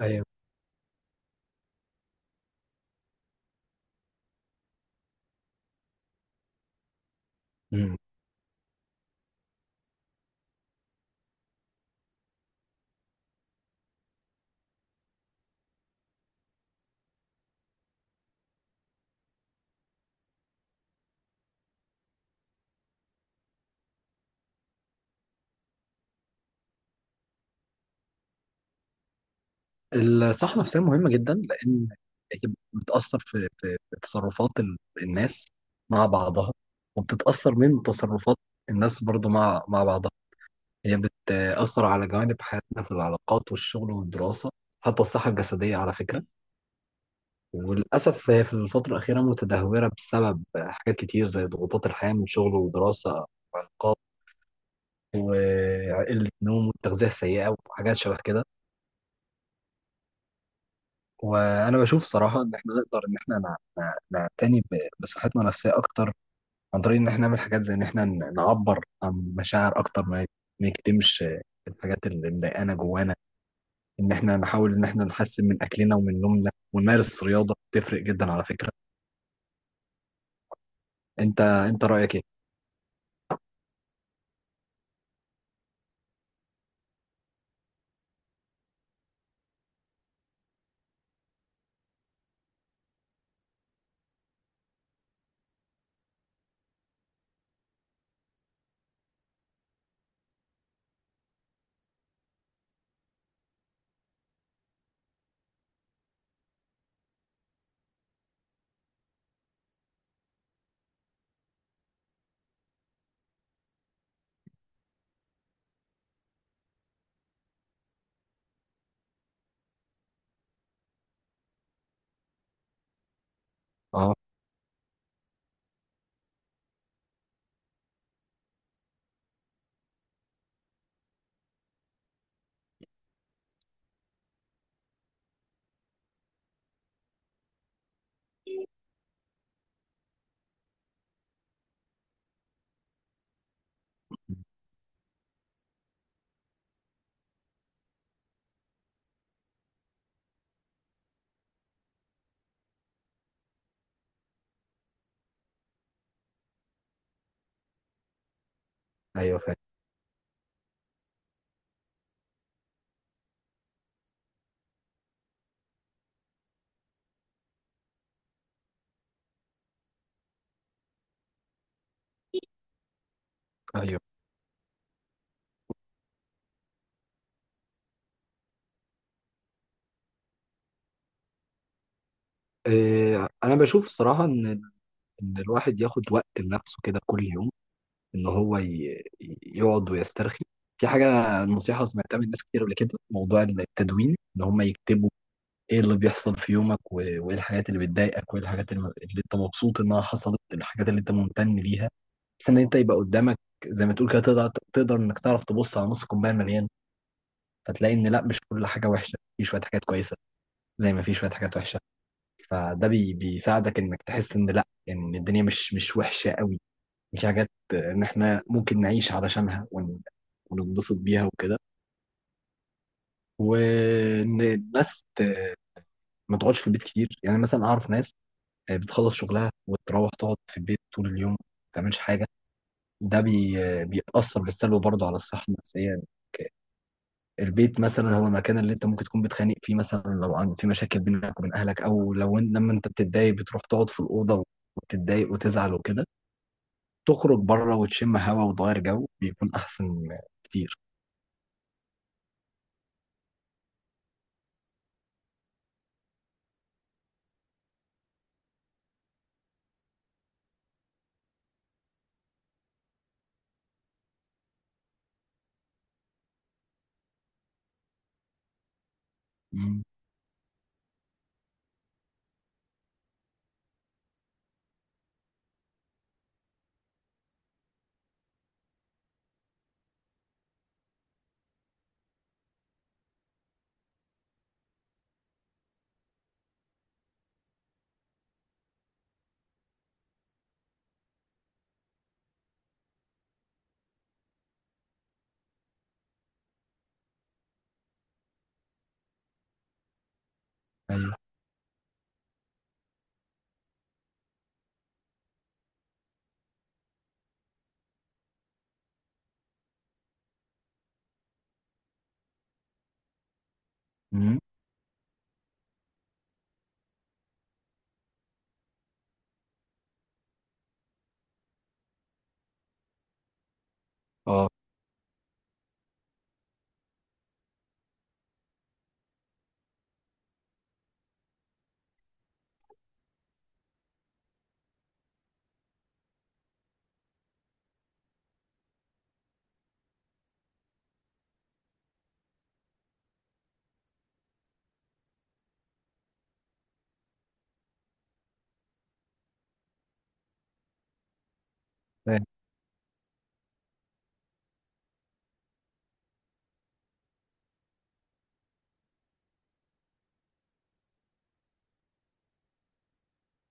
ايوه. مم. الصحة النفسية مهمة جدا لأن هي بتأثر في تصرفات الناس مع بعضها، وبتتأثر من تصرفات الناس برضو مع بعضها. هي بتأثر على جوانب حياتنا في العلاقات والشغل والدراسة، حتى الصحة الجسدية على فكرة. وللأسف هي في الفترة الأخيرة متدهورة بسبب حاجات كتير زي ضغوطات الحياة من شغل ودراسة وعلاقات وقلة النوم والتغذية السيئة وحاجات شبه كده. وانا بشوف صراحه ان احنا نقدر ان احنا نعتني بصحتنا النفسيه اكتر، عن طريق ان احنا نعمل حاجات زي ان احنا نعبر عن مشاعر اكتر، ما نكتمش الحاجات اللي مضايقانا جوانا. ان احنا نحاول ان احنا نحسن من اكلنا ومن نومنا، ونمارس رياضه تفرق جدا على فكره. انت رايك ايه؟ اه. ايوه، فاهم. ايوه. إيه، انا بشوف الصراحه ان الواحد ياخد وقت لنفسه كده كل يوم، ان هو يقعد ويسترخي. في حاجه، نصيحه سمعتها من ناس كتير قبل كده في موضوع التدوين، ان هم يكتبوا ايه اللي بيحصل في يومك، وايه الحاجات اللي بتضايقك، وايه الحاجات اللي انت مبسوط انها حصلت، الحاجات اللي انت ممتن ليها. بس ان انت يبقى قدامك زي ما تقول كده، تقدر، انك تعرف تبص على نص كوبايه مليان، فتلاقي ان لا، مش كل حاجه وحشه، في شويه حاجات كويسه زي ما في شويه حاجات وحشه. فده بيساعدك انك تحس ان لا، يعني ان الدنيا مش وحشه قوي، في حاجات ان احنا ممكن نعيش علشانها وننبسط بيها وكده. وان الناس ما تقعدش في البيت كتير، يعني مثلا اعرف ناس بتخلص شغلها وتروح تقعد في البيت طول اليوم ما تعملش حاجه. ده بيأثر بالسلب برضه على الصحه النفسيه. البيت مثلا هو المكان اللي انت ممكن تكون بتخانق فيه، مثلا لو عن في مشاكل بينك وبين اهلك، او لو لما انت بتتضايق بتروح تقعد في الاوضه وتتضايق وتزعل وكده. تخرج بره وتشم هوا وتغير جو، بيكون احسن كتير. مم. ايوه. امم. اه، فاهم.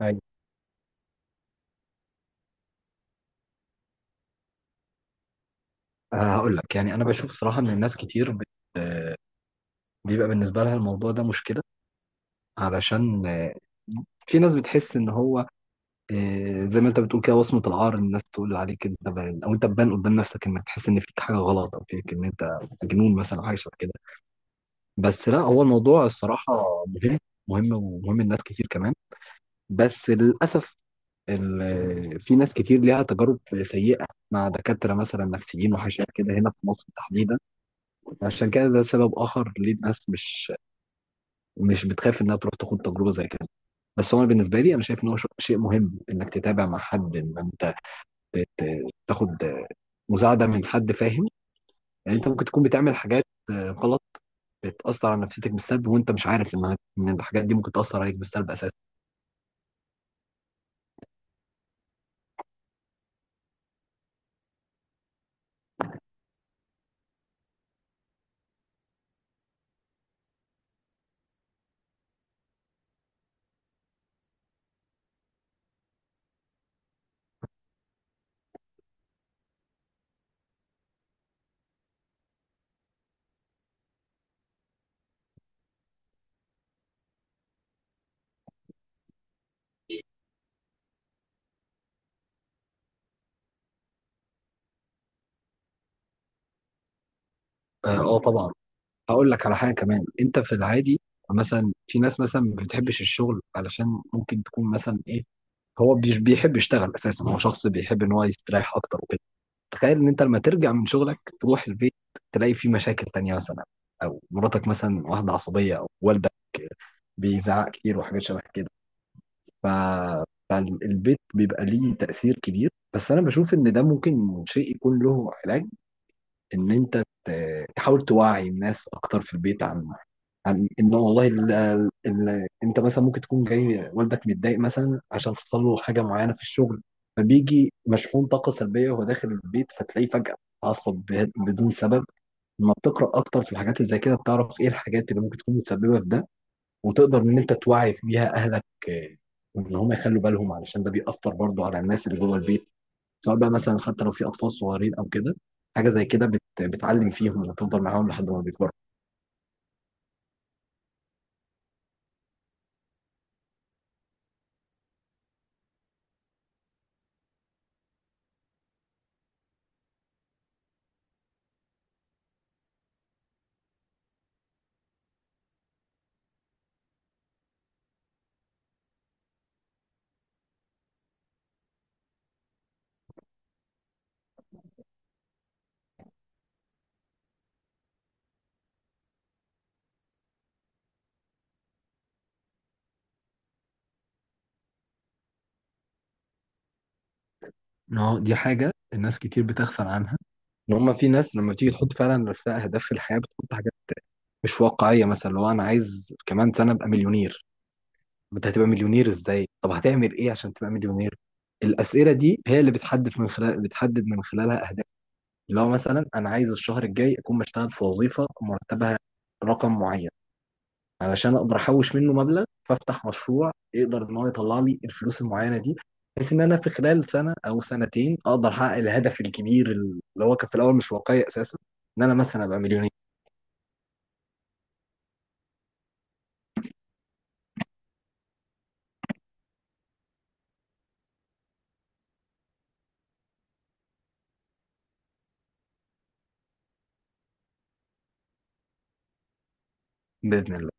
ايوه. آه، هقول لك يعني انا بشوف صراحه ان الناس كتير بت... آه، بيبقى بالنسبه لها الموضوع ده مشكله. علشان في ناس بتحس ان هو زي ما انت بتقول كده، وصمه العار، الناس تقول عليك انت بان او انت تبان قدام نفسك، انك تحس ان فيك حاجه غلط او فيك ان انت مجنون مثلا او حاجه شبه كده. بس لا، هو الموضوع الصراحه مهم، مهم ومهم لناس كتير كمان، بس للاسف في ناس كتير ليها تجارب سيئه مع دكاتره مثلا نفسيين وحاجات كده هنا في مصر تحديدا. عشان كده ده سبب اخر ليه الناس مش بتخاف انها تروح تاخد تجربه زي كده. بس هو بالنسبه لي انا شايف ان هو شيء مهم انك تتابع مع حد، ان انت تاخد مساعده من حد فاهم. يعني انت ممكن تكون بتعمل حاجات غلط، بتاثر على نفسيتك بالسلب، وانت مش عارف انها ان الحاجات دي ممكن تاثر عليك بالسلب اساسا. اه. آه، طبعا. هقول لك على حاجه كمان. انت في العادي مثلا، في ناس مثلا ما بتحبش الشغل، علشان ممكن تكون مثلا ايه، هو مش بيحب يشتغل اساسا، هو شخص بيحب ان هو يستريح اكتر وكده. تخيل ان انت لما ترجع من شغلك تروح البيت، تلاقي فيه مشاكل تانية مثلا، او مراتك مثلا واحدة عصبية او والدك بيزعق كتير وحاجات شبه كده. ف... فالبيت بيبقى ليه تأثير كبير، بس انا بشوف ان ده ممكن شيء يكون له علاج، ان انت تحاول توعي الناس اكتر في البيت عن، ان والله ال ال انت مثلا ممكن تكون جاي والدك متضايق مثلا عشان حصل له حاجه معينه في الشغل، فبيجي مشحون طاقه سلبيه وهو داخل البيت فتلاقيه فجاه اتعصب بدون سبب. لما بتقرا اكتر في الحاجات اللي زي كده، بتعرف ايه الحاجات اللي ممكن تكون متسببه في ده، وتقدر ان انت توعي بيها اهلك. آه، وان هم يخلوا بالهم علشان ده بيأثر برضه على الناس اللي جوه البيت، سواء بقى مثلا حتى لو في اطفال صغيرين او كده، حاجه زي كده بتعلم فيهم وتفضل معاهم لحد ما بيكبروا. إن هو دي حاجه الناس كتير بتغفل عنها، ان هم في ناس لما تيجي تحط فعلا لنفسها اهداف في الحياه بتحط حاجات مش واقعيه. مثلا لو انا عايز كمان سنه ابقى مليونير، طب انت هتبقى مليونير ازاي، طب هتعمل ايه عشان تبقى مليونير؟ الاسئله دي هي اللي بتحدد من خلالها اهداف. لو مثلا انا عايز الشهر الجاي اكون بشتغل في وظيفه مرتبها رقم معين، علشان اقدر احوش منه مبلغ فافتح مشروع يقدر ان هو يطلع لي الفلوس المعينه دي، بحيث ان انا في خلال سنه او سنتين اقدر احقق الهدف الكبير اللي هو كان في الاول مش واقعي اساسا، ان انا مثلا ابقى مليونير. باذن الله.